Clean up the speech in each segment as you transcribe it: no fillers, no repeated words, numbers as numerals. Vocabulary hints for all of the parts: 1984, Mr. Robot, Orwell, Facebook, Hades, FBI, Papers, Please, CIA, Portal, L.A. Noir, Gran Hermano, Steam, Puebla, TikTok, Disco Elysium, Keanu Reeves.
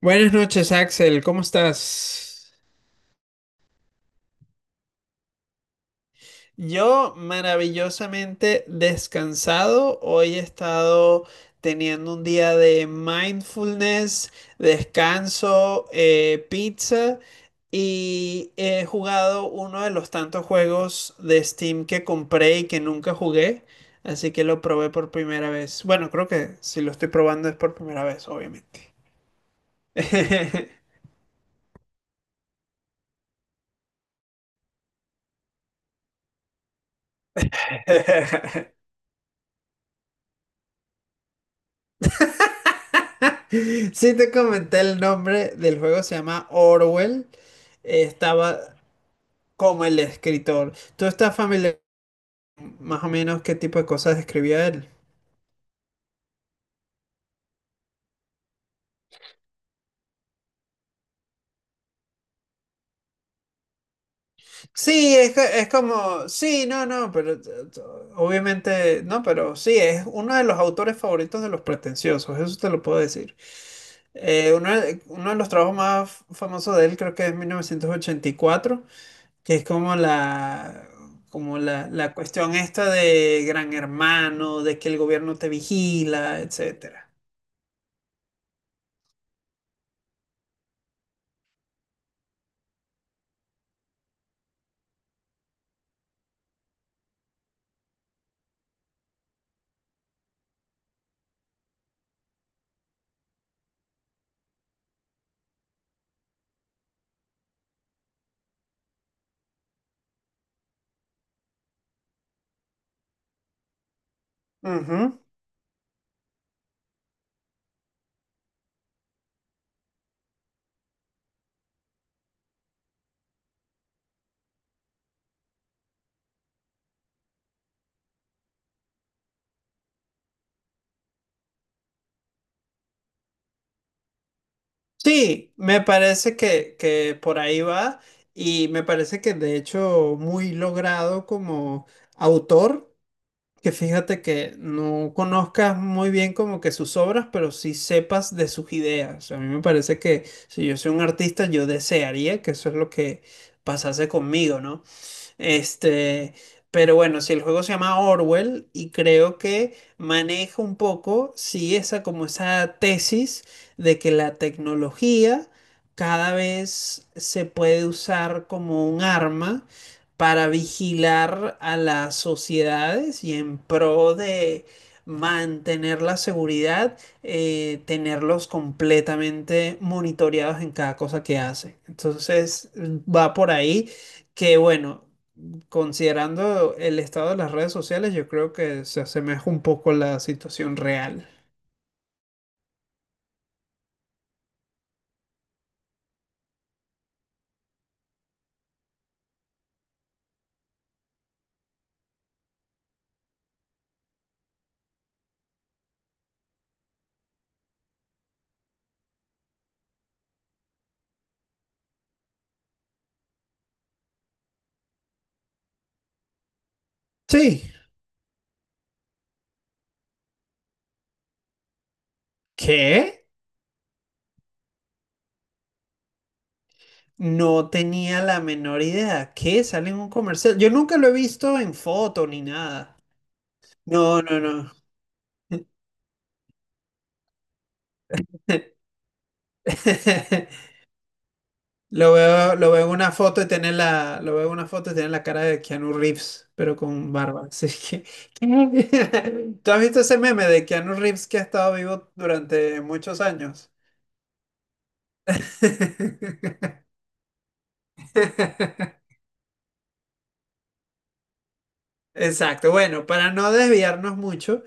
Buenas noches, Axel, ¿cómo estás? Yo maravillosamente descansado. Hoy he estado teniendo un día de mindfulness, descanso, pizza y he jugado uno de los tantos juegos de Steam que compré y que nunca jugué. Así que lo probé por primera vez. Bueno, creo que si lo estoy probando es por primera vez, obviamente. Sí te comenté el nombre del juego, se llama Orwell. Estaba como el escritor. ¿Tú estás familiar más o menos qué tipo de cosas escribía él? Sí, es, es como, sí, no, no, pero obviamente, no, pero sí, es uno de los autores favoritos de los pretenciosos, eso te lo puedo decir. Uno de los trabajos más famosos de él creo que es 1984, que es como la cuestión esta de Gran Hermano, de que el gobierno te vigila, etcétera. Ujú. Sí, me parece que por ahí va y me parece que de hecho muy logrado como autor, que fíjate que no conozcas muy bien como que sus obras, pero sí sepas de sus ideas. A mí me parece que si yo soy un artista, yo desearía que eso es lo que pasase conmigo, ¿no? Este, pero bueno, si el juego se llama Orwell y creo que maneja un poco, sí, esa como esa tesis de que la tecnología cada vez se puede usar como un arma para vigilar a las sociedades y en pro de mantener la seguridad, tenerlos completamente monitoreados en cada cosa que hacen. Entonces, va por ahí que bueno. Considerando el estado de las redes sociales, yo creo que se asemeja un poco a la situación real. Sí. ¿Qué? No tenía la menor idea. ¿Qué? Sale en un comercial. Yo nunca lo he visto en foto ni nada. No, no, no. Lo veo en una foto y tiene la, lo veo en una foto y tiene la cara de Keanu Reeves, pero con barba. Así que, ¿tú has visto ese meme de Keanu Reeves que ha estado vivo durante muchos años? Exacto, bueno, para no desviarnos mucho,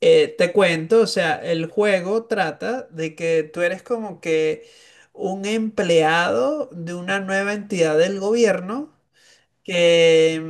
te cuento, o sea, el juego trata de que tú eres como que un empleado de una nueva entidad del gobierno que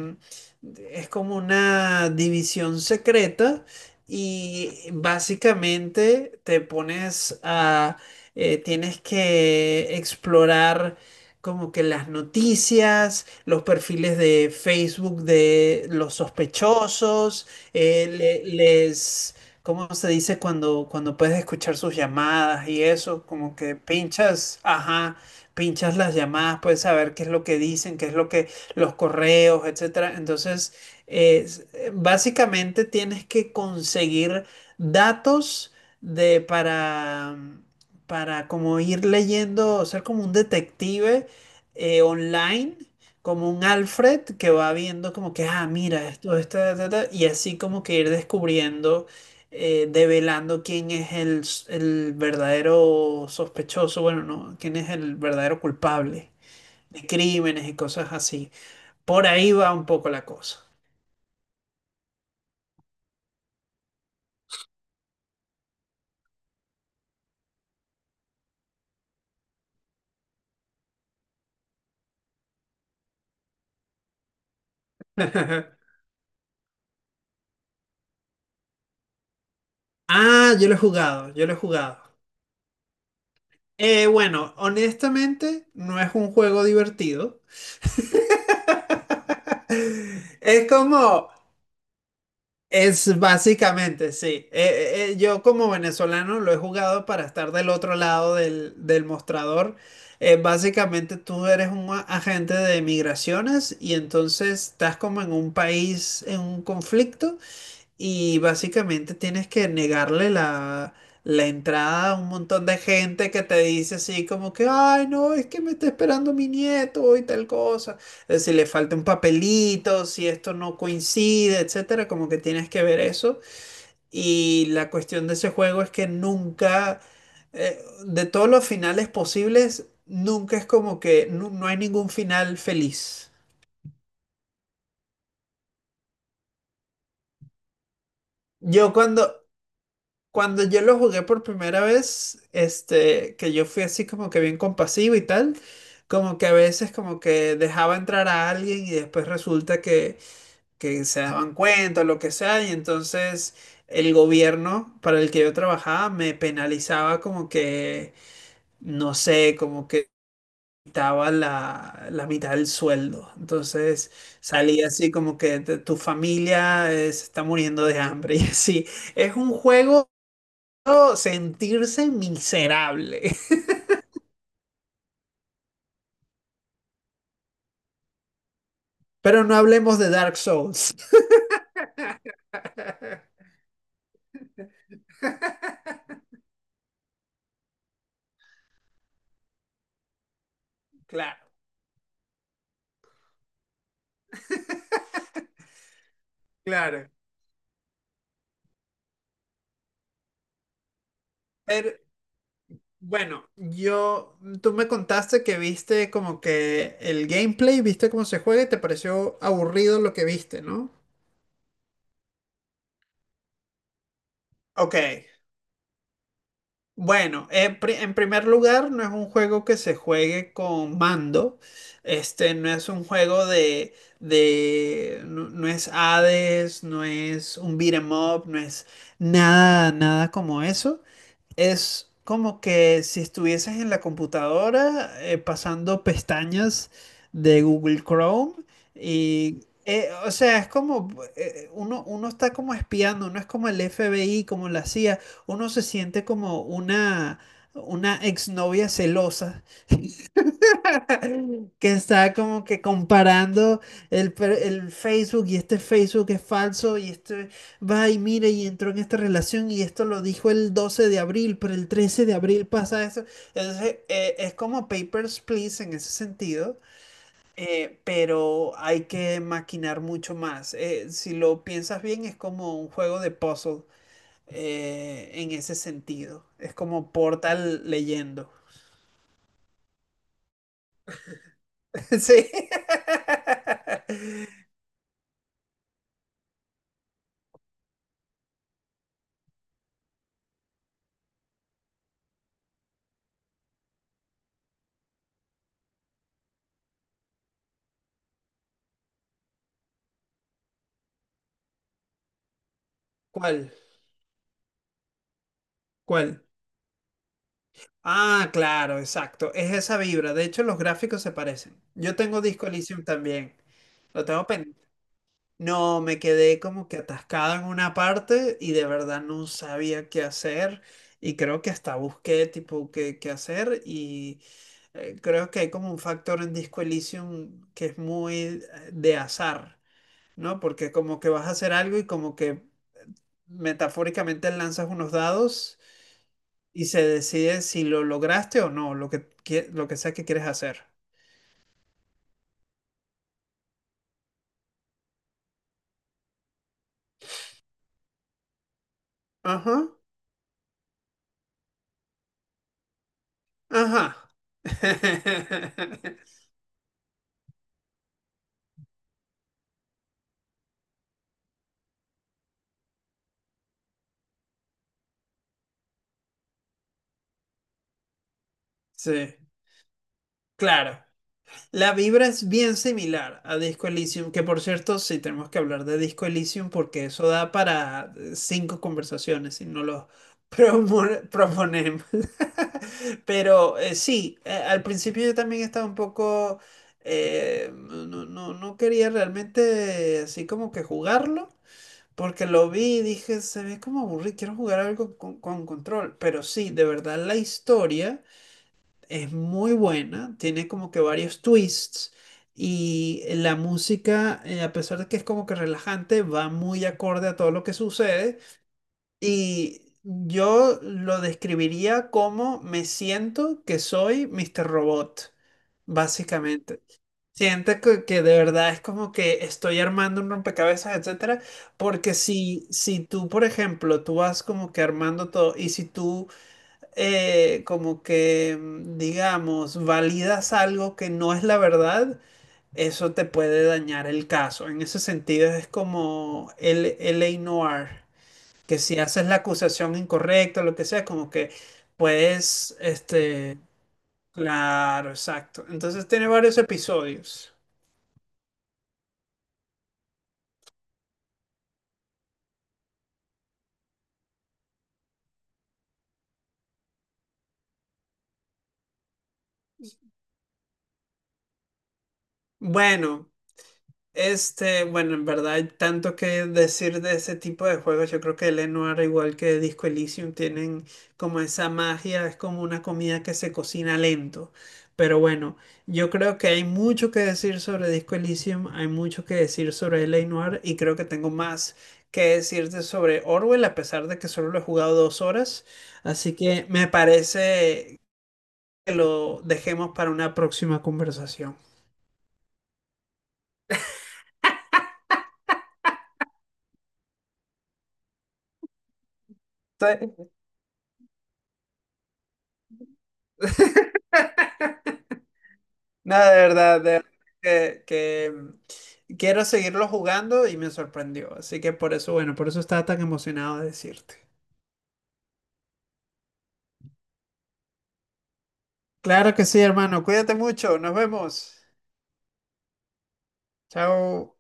mm, es como una división secreta y básicamente tienes que explorar como que las noticias, los perfiles de Facebook de los sospechosos, les... ¿Cómo se dice cuando puedes escuchar sus llamadas y eso? Como que pinchas, ajá, pinchas las llamadas, puedes saber qué es lo que dicen, qué es lo que los correos, etcétera. Entonces, básicamente tienes que conseguir datos de para como ir leyendo, ser como un detective online, como un Alfred que va viendo como que, ah, mira, esto, ta, ta", y así como que ir descubriendo. Develando quién es el verdadero sospechoso, bueno, no, quién es el verdadero culpable de crímenes y cosas así. Por ahí va un poco la cosa. Ah, yo lo he jugado, yo lo he jugado. Bueno, honestamente, no es un juego divertido. Es como, es básicamente, sí. Yo como venezolano lo he jugado para estar del otro lado del mostrador. Básicamente tú eres un agente de migraciones y entonces estás como en un país, en un conflicto. Y básicamente tienes que negarle la entrada a un montón de gente que te dice así como que, ay, no, es que me está esperando mi nieto y tal cosa. Si le falta un papelito, si esto no coincide, etcétera, como que tienes que ver eso. Y la cuestión de ese juego es que nunca, eh, de todos los finales posibles, nunca es como que no hay ningún final feliz. Yo cuando, Cuando yo lo jugué por primera vez, este, que yo fui así como que bien compasivo y tal, como que a veces como que dejaba entrar a alguien y después resulta que se daban cuenta o lo que sea, y entonces el gobierno para el que yo trabajaba me penalizaba como que, no sé, como que quitaba la mitad del sueldo. Entonces salía así como que "Tu familia se está muriendo de hambre y así. Es un juego sentirse miserable. Pero no hablemos de Dark Souls. Claro, claro. Pero, bueno, tú me contaste que viste como que el gameplay, viste cómo se juega y te pareció aburrido lo que viste, ¿no? Ok. Bueno, en primer lugar, no es un juego que se juegue con mando. Este no es un juego de, no, no es Hades, no es un beat 'em up, no es nada, nada como eso. Es como que si estuvieses en la computadora pasando pestañas de Google Chrome y, o sea, es como, uno está como espiando, no es como el FBI, como la CIA, uno se siente como una exnovia celosa que está como que comparando el Facebook y este Facebook es falso y este va y mire y entró en esta relación y esto lo dijo el 12 de abril, pero el 13 de abril pasa eso. Entonces, es como Papers, Please en ese sentido, pero hay que maquinar mucho más. Si lo piensas bien, es como un juego de puzzle. En ese sentido, es como Portal leyendo. Sí. ¿Cuál? ¿Cuál? Ah, claro, exacto. Es esa vibra. De hecho, los gráficos se parecen. Yo tengo Disco Elysium también. Lo tengo pendiente. No, me quedé como que atascado en una parte y de verdad no sabía qué hacer. Y creo que hasta busqué tipo qué hacer. Y creo que hay como un factor en Disco Elysium que es muy de azar, ¿no? Porque como que vas a hacer algo y como que metafóricamente lanzas unos dados y se decide si lo lograste o no, lo que sea que quieres hacer. Ajá, ajá. Sí, claro. La vibra es bien similar a Disco Elysium, que por cierto, sí tenemos que hablar de Disco Elysium porque eso da para cinco conversaciones si no lo proponemos. Pero sí, al principio yo también estaba un poco... No, no, no no quería realmente así como que jugarlo. Porque lo vi y dije, se ve como aburrido, quiero jugar algo con control. Pero sí, de verdad la historia es muy buena, tiene como que varios twists y la música, a pesar de que es como que relajante, va muy acorde a todo lo que sucede. Y yo lo describiría como me siento que soy Mr. Robot, básicamente. Siento que de verdad es como que estoy armando un rompecabezas, etcétera, porque si tú, por ejemplo, tú vas como que armando todo y si tú como que, digamos, validas algo que no es la verdad, eso te puede dañar el caso. En ese sentido es como el L.A. Noir, que si haces la acusación incorrecta, lo que sea, como que puedes, este, claro, exacto. Entonces tiene varios episodios. Bueno. Este, bueno, en verdad hay tanto que decir de ese tipo de juegos. Yo creo que Lenoir, igual que Disco Elysium, tienen como esa magia, es como una comida que se cocina lento. Pero bueno, yo creo que hay mucho que decir sobre Disco Elysium, hay mucho que decir sobre Lenoir y creo que tengo más que decirte sobre Orwell, a pesar de que solo lo he jugado 2 horas. Así que me parece que lo dejemos para una próxima conversación. Nada, de verdad que quiero seguirlo jugando y me sorprendió. Así que por eso, bueno, por eso estaba tan emocionado de decirte. Claro que sí, hermano. Cuídate mucho. Nos vemos. Chao.